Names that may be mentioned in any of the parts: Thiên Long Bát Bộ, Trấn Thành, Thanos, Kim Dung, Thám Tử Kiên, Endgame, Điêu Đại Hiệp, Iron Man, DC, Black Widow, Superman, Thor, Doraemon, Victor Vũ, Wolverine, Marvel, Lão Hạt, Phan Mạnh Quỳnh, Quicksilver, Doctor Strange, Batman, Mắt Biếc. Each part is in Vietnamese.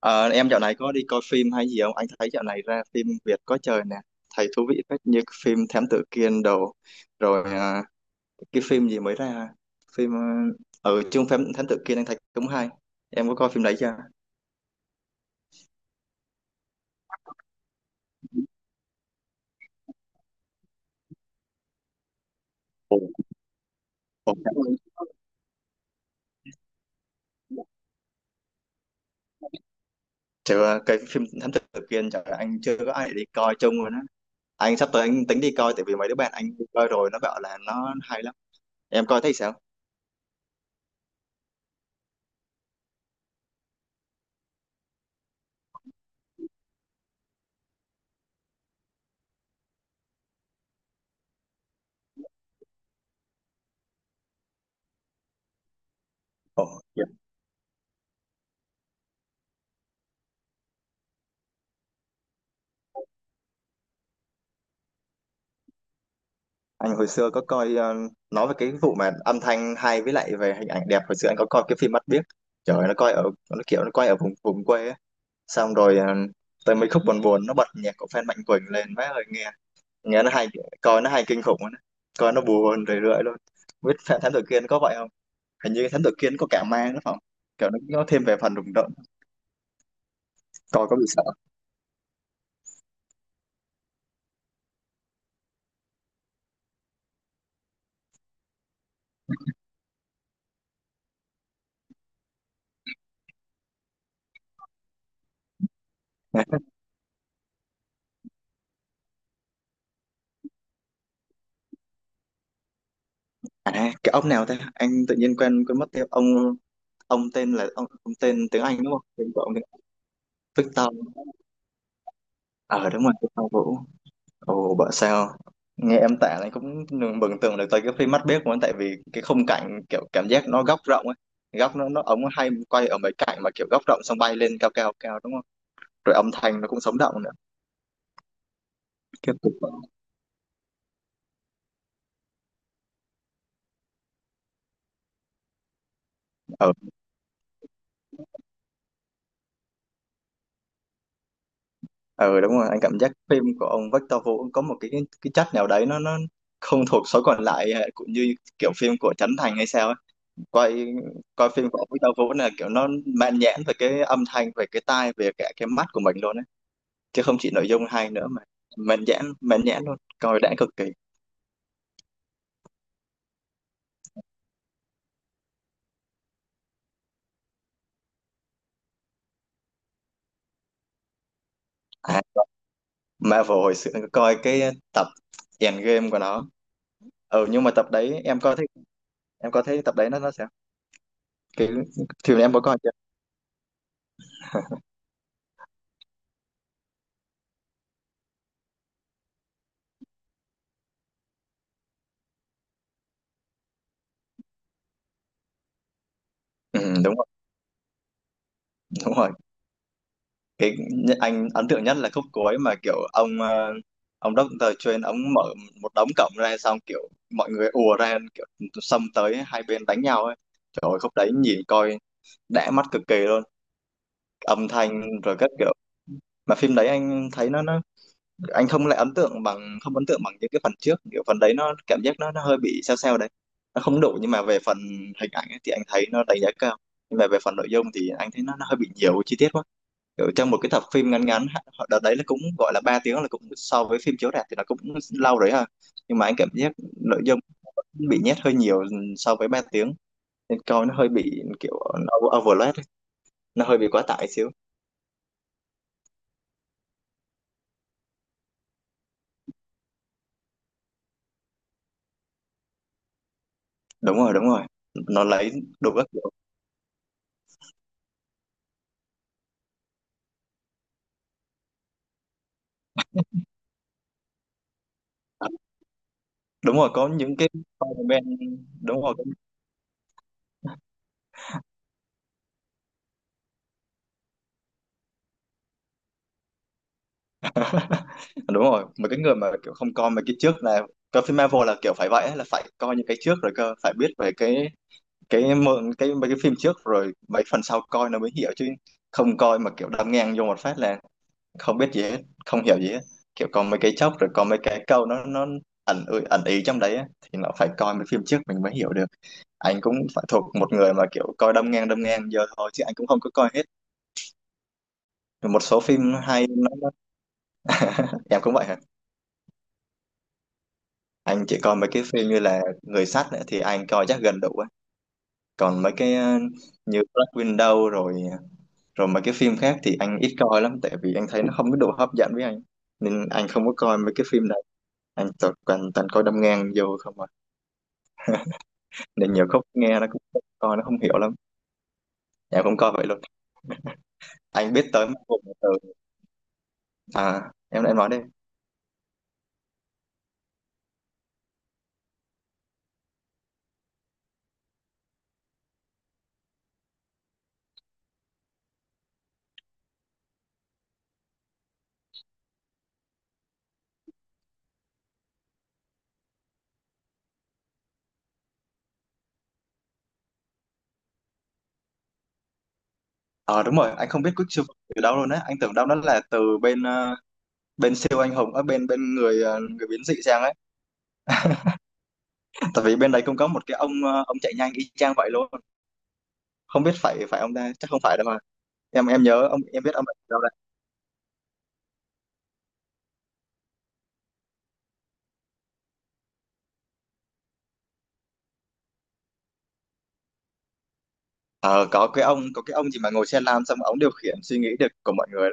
Ờ, em dạo này có đi coi phim hay gì không? Anh thấy dạo này ra phim Việt có trời nè, thấy thú vị phết như cái phim Thám Tử Kiên đồ, rồi à, cái phim gì mới ra, phim ở chung phim Thám Tử Kiên anh thấy cũng hay. Em có coi phim đấy chưa? Ồ, chứ cái phim Thám Tử Kiên trời anh chưa có ai để đi coi chung rồi đó. Anh sắp tới anh tính đi coi, tại vì mấy đứa bạn anh đi coi rồi nó bảo là nó hay lắm. Em coi thấy sao? Ồ. Anh hồi xưa có coi, nói về cái vụ mà âm thanh hay với lại về hình ảnh đẹp, hồi xưa anh có coi cái phim Mắt Biếc. Trời ơi, nó coi ở, nó kiểu nó quay ở vùng vùng quê á. Xong rồi, tới mấy khúc buồn buồn nó bật nhạc của Phan Mạnh Quỳnh lên, má ơi, nghe nghe nó hay, coi nó hay kinh khủng luôn á. Coi nó buồn rười rượi luôn. Không biết Phan Thám Tử Kiên có vậy không, hình như Thám Tử Kiên có cả ma nữa phải không, kiểu nó thêm về phần rùng rợn. Coi có bị sợ? À, cái ông nào thế, anh tự nhiên quen quên mất tiêu ông tên là ông tên tiếng Anh đúng không, tên của ông tiếng. Victor. Ờ Đúng rồi, cái Phong Vũ. Ồ, bảo sao, nghe em tả này cũng mường tượng được tới cái phim Mắt Biếc của anh, tại vì cái khung cảnh kiểu cảm giác nó góc rộng ấy, góc nó ống hay quay ở mấy cảnh mà kiểu góc rộng xong bay lên cao cao cao đúng không, rồi âm thanh nó cũng sống động nữa. Cái cục- ờ ờ Đúng rồi, anh cảm giác phim của ông Victor Vũ có một cái chất nào đấy nó không thuộc số còn lại, cũng như kiểu phim của Trấn Thành hay sao ấy. quay Coi phim của ông Victor Vũ là kiểu nó mãn nhãn về cái âm thanh, về cái tai, về cả cái mắt của mình luôn ấy. Chứ không chỉ nội dung hay nữa mà mãn nhãn, mãn nhãn luôn, coi đã cực kỳ. À, Marvel hồi xưa coi cái tập Endgame của nó. Ừ nhưng mà tập đấy em coi thấy tập đấy nó sao cái, thì em có coi chưa. Ừ, đúng rồi, đúng rồi, cái anh ấn tượng nhất là khúc cuối mà kiểu ông Doctor Strange ông mở một đống cổng ra xong kiểu mọi người ùa ra kiểu xông tới hai bên đánh nhau ấy, trời ơi khúc đấy nhìn coi đã mắt cực kỳ luôn, âm thanh rồi các kiểu. Mà phim đấy anh thấy nó, anh không lại ấn tượng bằng, không ấn tượng bằng những cái phần trước, kiểu phần đấy nó cảm giác nó hơi bị sao sao đấy, nó không đủ. Nhưng mà về phần hình ảnh ấy, thì anh thấy nó đánh giá cao, nhưng mà về phần nội dung thì anh thấy nó hơi bị nhiều chi tiết quá, kiểu trong một cái tập phim ngắn ngắn. Đợt đấy là cũng gọi là 3 tiếng, là cũng so với phim chiếu rạp thì nó cũng lâu đấy ha, nhưng mà anh cảm giác nội dung vẫn bị nhét hơi nhiều so với 3 tiếng nên coi nó hơi bị kiểu nó overload ấy, nó hơi bị quá tải xíu. Đúng rồi, đúng rồi, nó lấy đủ các kiểu. Đúng rồi, có những cái comment. Đúng rồi. Đúng rồi, mà cái người mà kiểu không coi mấy cái trước là coi phim Marvel là kiểu phải vậy ấy, là phải coi những cái trước rồi cơ, phải biết về cái mượn, cái mấy cái phim trước rồi mấy phần sau coi nó mới hiểu, chứ không coi mà kiểu đâm ngang vô một phát là không biết gì hết, không hiểu gì hết, kiểu coi mấy cái chốc rồi coi mấy cái câu nó ẩn ý trong đấy á, thì nó phải coi mấy phim trước mình mới hiểu được. Anh cũng phải thuộc một người mà kiểu coi đâm ngang, đâm ngang giờ thôi, chứ anh cũng không có coi hết một số phim hay nó. Em cũng vậy hả? Anh chỉ coi mấy cái phim như là Người sắt nữa thì anh coi chắc gần đủ á. Còn mấy cái như Black Widow rồi, rồi mấy cái phim khác thì anh ít coi lắm tại vì anh thấy nó không có đủ hấp dẫn với anh. Nên anh không có coi mấy cái phim này. Anh toàn toàn, toàn coi đâm ngang vô không à. Nên nhiều khúc nghe nó cũng không coi nó không hiểu lắm. Em cũng coi vậy luôn. Anh biết tới một vùng từ, à em nói đi. Ờ đúng rồi, anh không biết Quicksilver từ đâu luôn á. Anh tưởng đâu nó là từ bên siêu anh hùng ở bên bên người, người biến dị sang á, tại vì bên đấy cũng có một cái ông chạy nhanh y chang vậy luôn, không biết phải, phải ông ta chắc không phải đâu mà, em nhớ ông em biết ông ấy ở đâu đấy. Ờ, có cái ông, có cái ông gì mà ngồi xe lam xong ông điều khiển suy nghĩ được của mọi người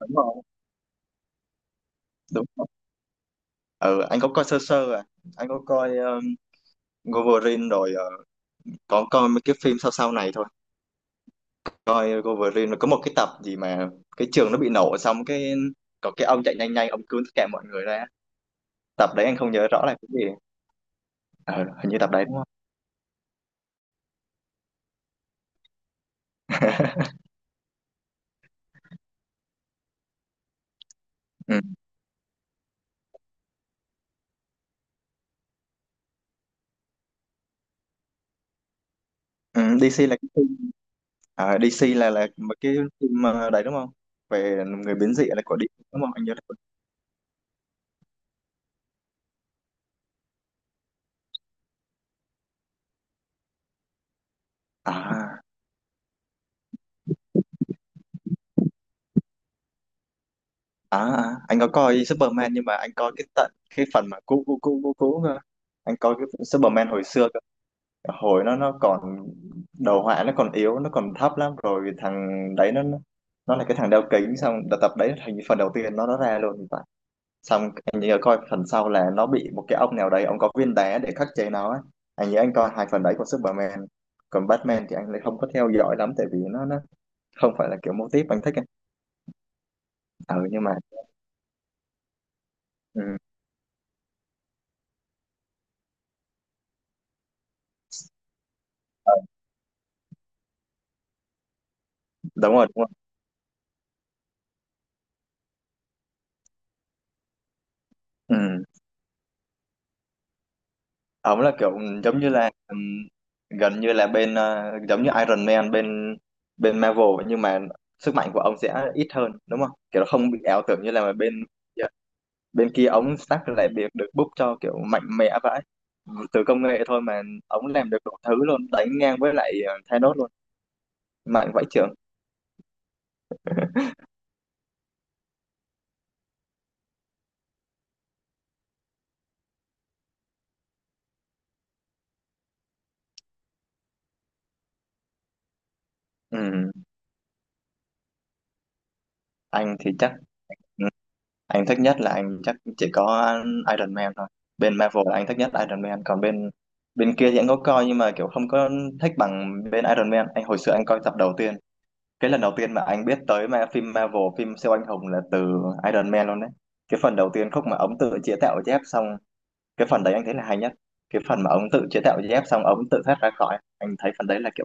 đúng không, đúng không. Ừ, anh có coi sơ sơ à, anh có coi Wolverine rồi, có coi mấy cái phim sau sau này thôi, coi Wolverine rồi có một cái tập gì mà cái trường nó bị nổ xong cái, có cái ông chạy nhanh nhanh ông cứu tất cả mọi người ra, tập đấy anh không nhớ rõ là cái gì. ờ, Hình như tập đấy đúng không. Ừ. Ừ, DC là cái. À, DC là một cái phim mà đấy đúng không? Về người biến dị là của DC đúng không? Anh nhớ được. À, À, anh có coi Superman nhưng mà anh coi cái tận cái phần mà cũ cũ cũ cũ cũ cơ. Anh coi cái Superman hồi xưa cơ. Hồi nó còn đầu họa nó còn yếu, nó còn thấp lắm, rồi thằng đấy nó nó là cái thằng đeo kính xong đợt tập đấy thành phần đầu tiên nó ra luôn, xong anh nhớ coi phần sau là nó bị một cái ông nào đấy, ông có viên đá để khắc chế nó ấy. Anh nhớ anh coi hai phần đấy của Superman. Còn Batman thì anh lại không có theo dõi lắm tại vì nó không phải là kiểu mô típ anh thích ấy. Ừ nhưng mà. Ừ. ờ, Đúng rồi, đúng rồi. Ừ. Ổng là kiểu giống như là, ừ, gần như là bên, giống như Iron Man bên, bên Marvel, nhưng mà sức mạnh của ông sẽ ít hơn đúng không, kiểu nó không bị ảo tưởng như là bên, bên kia, ống stack lại việc được book cho kiểu mạnh mẽ vãi từ công nghệ thôi mà, ống làm được đủ thứ luôn, đánh ngang với lại Thanos luôn, mạnh vãi chưởng. Ừ. Anh thì chắc, ừ, anh thích nhất là anh chắc chỉ có Iron Man thôi. Bên Marvel là anh thích nhất Iron Man, còn bên, bên kia thì anh có coi nhưng mà kiểu không có thích bằng bên Iron Man. Anh hồi xưa anh coi tập đầu tiên, cái lần đầu tiên mà anh biết tới mà phim Marvel phim siêu anh hùng là từ Iron Man luôn đấy, cái phần đầu tiên khúc mà ống tự chế tạo dép xong, cái phần đấy anh thấy là hay nhất, cái phần mà ông tự chế tạo dép xong ông tự thoát ra khỏi, anh thấy phần đấy là kiểu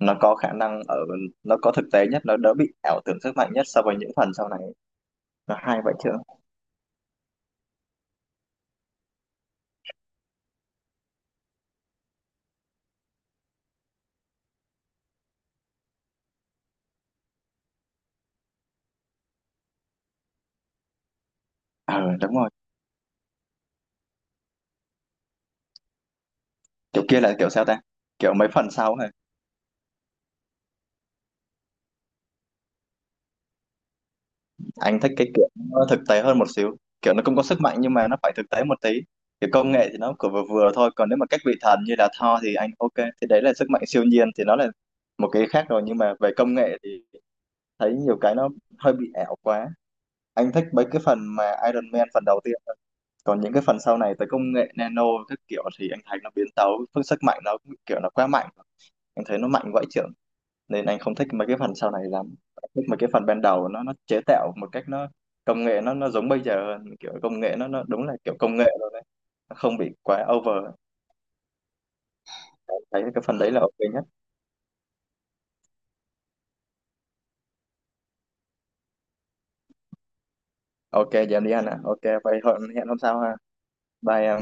nó có khả năng ở, nó có thực tế nhất, nó đỡ bị ảo tưởng sức mạnh nhất so với những phần sau này, nó hay vậy chứ. Ờ Đúng rồi, kiểu kia là kiểu sao ta, kiểu mấy phần sau thôi. Anh thích cái kiểu nó thực tế hơn một xíu, kiểu nó cũng có sức mạnh nhưng mà nó phải thực tế một tí, cái công nghệ thì nó cứ vừa vừa thôi, còn nếu mà các vị thần như là Thor thì anh ok, thì đấy là sức mạnh siêu nhiên thì nó là một cái khác rồi, nhưng mà về công nghệ thì thấy nhiều cái nó hơi bị ảo quá. Anh thích mấy cái phần mà Iron Man phần đầu tiên thôi. Còn những cái phần sau này tới công nghệ nano các kiểu thì anh thấy nó biến tấu phương sức mạnh nó cũng kiểu nó quá mạnh, anh thấy nó mạnh vãi chưởng, nên anh không thích mấy cái phần sau này lắm. Anh thích mấy cái phần ban đầu nó chế tạo một cách nó công nghệ nó giống bây giờ hơn, kiểu công nghệ nó đúng là kiểu công nghệ rồi đấy, nó không bị quá over. Anh thấy cái phần đấy là ok nhất. Ok, giờ em đi ăn ạ, ok vậy hẹn hẹn hôm sau ha, bye em.